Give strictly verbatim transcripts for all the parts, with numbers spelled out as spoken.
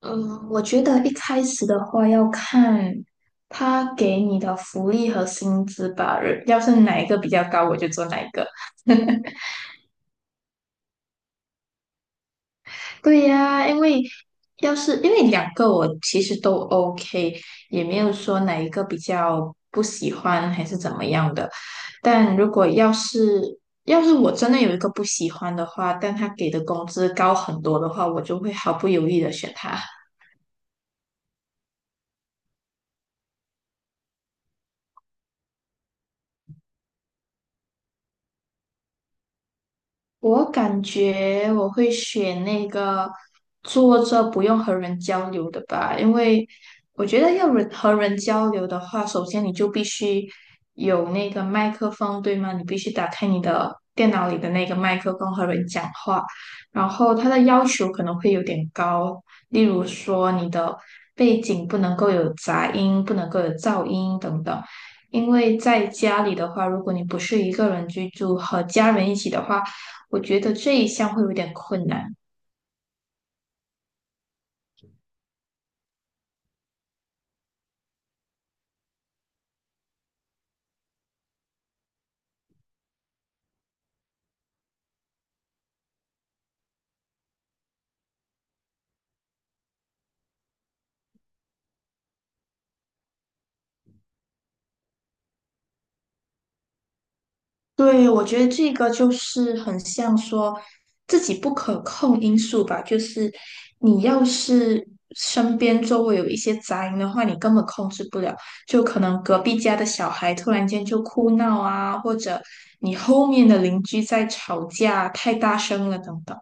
嗯，我觉得一开始的话要看他给你的福利和薪资吧，呃要是哪一个比较高，我就做哪一个。对呀，因为要是因为两个我其实都 OK，也没有说哪一个比较不喜欢还是怎么样的。但如果要是要是我真的有一个不喜欢的话，但他给的工资高很多的话，我就会毫不犹豫的选他。我感觉我会选那个坐着不用和人交流的吧，因为我觉得要人和人交流的话，首先你就必须有那个麦克风，对吗？你必须打开你的电脑里的那个麦克风和人讲话，然后它的要求可能会有点高，例如说你的背景不能够有杂音，不能够有噪音等等。因为在家里的话，如果你不是一个人居住，和家人一起的话，我觉得这一项会有点困难。对，我觉得这个就是很像说自己不可控因素吧，就是你要是身边周围有一些杂音的话，你根本控制不了，就可能隔壁家的小孩突然间就哭闹啊，或者你后面的邻居在吵架，太大声了等等。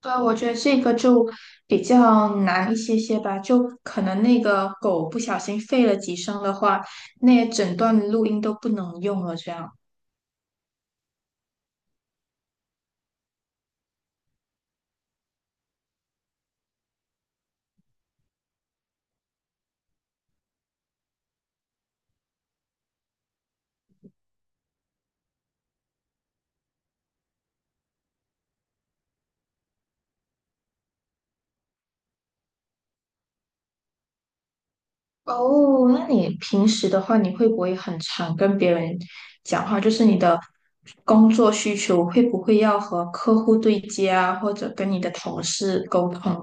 对，我觉得这个就比较难一些些吧，就可能那个狗不小心吠了几声的话，那整段录音都不能用了。这样哦，那你平时的话，你会不会很常跟别人讲话？就是你的工作需求会不会要和客户对接啊，或者跟你的同事沟通？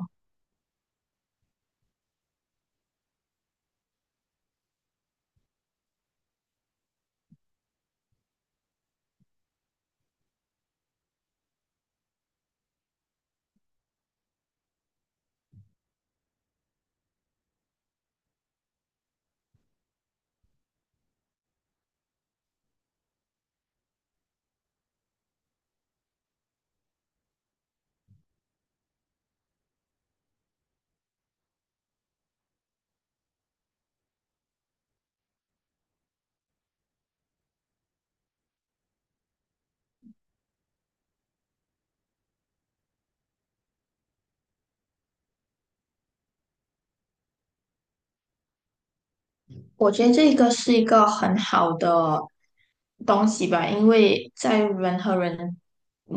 我觉得这个是一个很好的东西吧，因为在人和人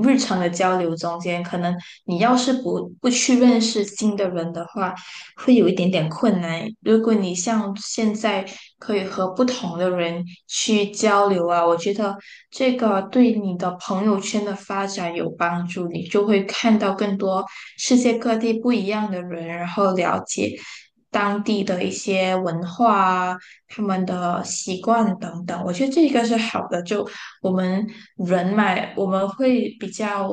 日常的交流中间，可能你要是不不去认识新的人的话，会有一点点困难。如果你像现在可以和不同的人去交流啊，我觉得这个对你的朋友圈的发展有帮助，你就会看到更多世界各地不一样的人，然后了解当地的一些文化啊。他们的习惯等等。我觉得这个是好的，就我们人嘛，我们会比较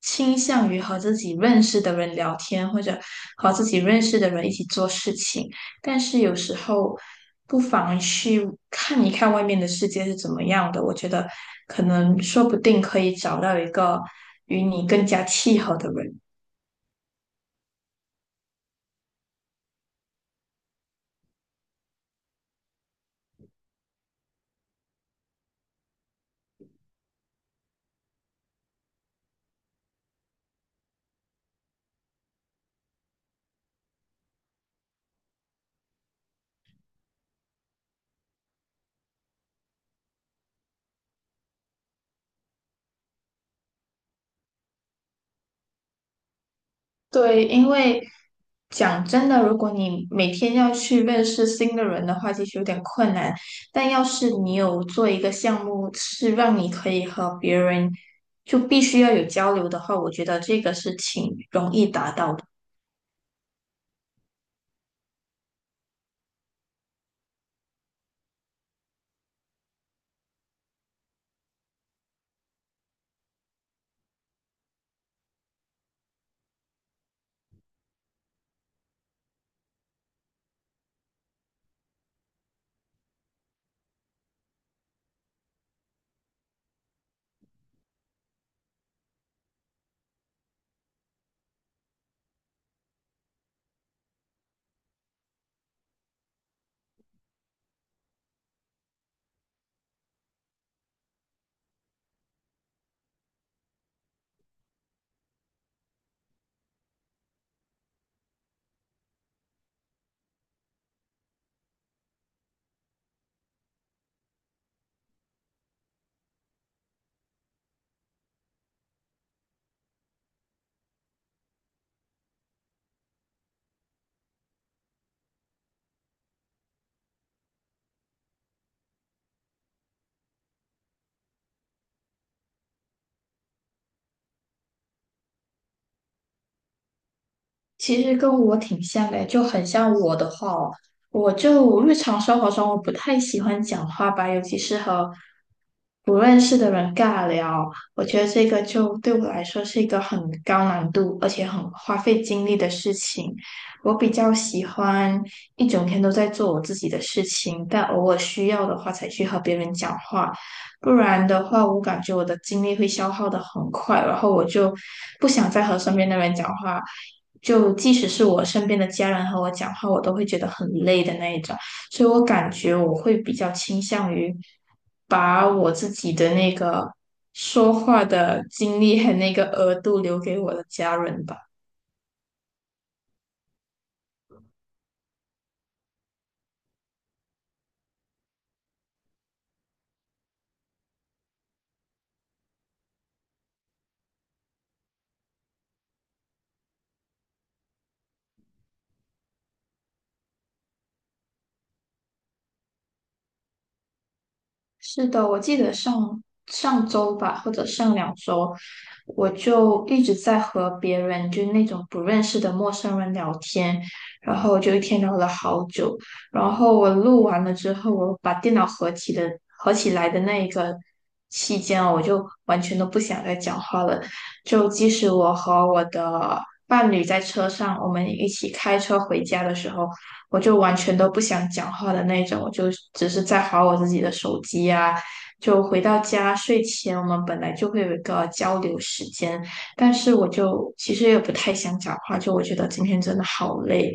倾向于和自己认识的人聊天，或者和自己认识的人一起做事情。但是有时候不妨去看一看外面的世界是怎么样的。我觉得可能说不定可以找到一个与你更加契合的人。对，因为讲真的，如果你每天要去认识新的人的话，其实有点困难。但要是你有做一个项目，是让你可以和别人就必须要有交流的话，我觉得这个是挺容易达到的。其实跟我挺像的，就很像我的话哦，我就日常生活中我不太喜欢讲话吧，尤其是和不认识的人尬聊，我觉得这个就对我来说是一个很高难度，而且很花费精力的事情。我比较喜欢一整天都在做我自己的事情，但偶尔需要的话才去和别人讲话。不然的话，我感觉我的精力会消耗的很快，然后我就不想再和身边的人讲话，就即使是我身边的家人和我讲话，我都会觉得很累的那一种，所以我感觉我会比较倾向于把我自己的那个说话的精力和那个额度留给我的家人吧。是的，我记得上上周吧，或者上两周，我就一直在和别人，就是那种不认识的陌生人聊天，然后就一天聊了好久，然后我录完了之后，我把电脑合起的合起来的那一个期间，我就完全都不想再讲话了，就即使我和我的伴侣在车上，我们一起开车回家的时候。我就完全都不想讲话的那种，我就只是在划我自己的手机啊。就回到家睡前，我们本来就会有一个交流时间，但是我就其实也不太想讲话，就我觉得今天真的好累，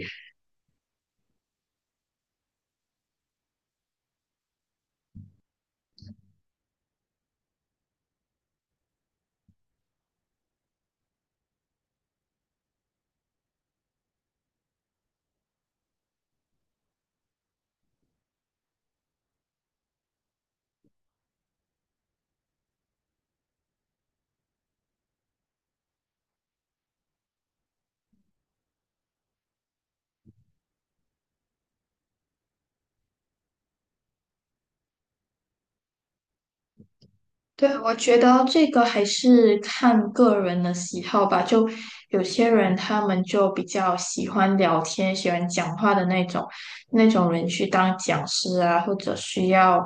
对，我觉得这个还是看个人的喜好吧。就有些人他们就比较喜欢聊天、喜欢讲话的那种，那种人去当讲师啊，或者需要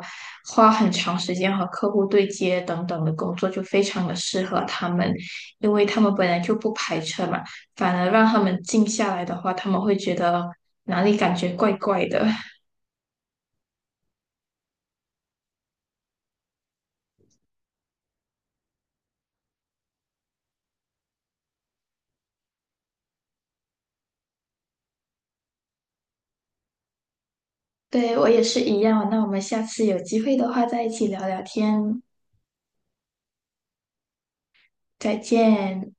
花很长时间和客户对接等等的工作，就非常的适合他们，因为他们本来就不排斥嘛，反而让他们静下来的话，他们会觉得哪里感觉怪怪的。对，我也是一样。那我们下次有机会的话，再一起聊聊天。再见。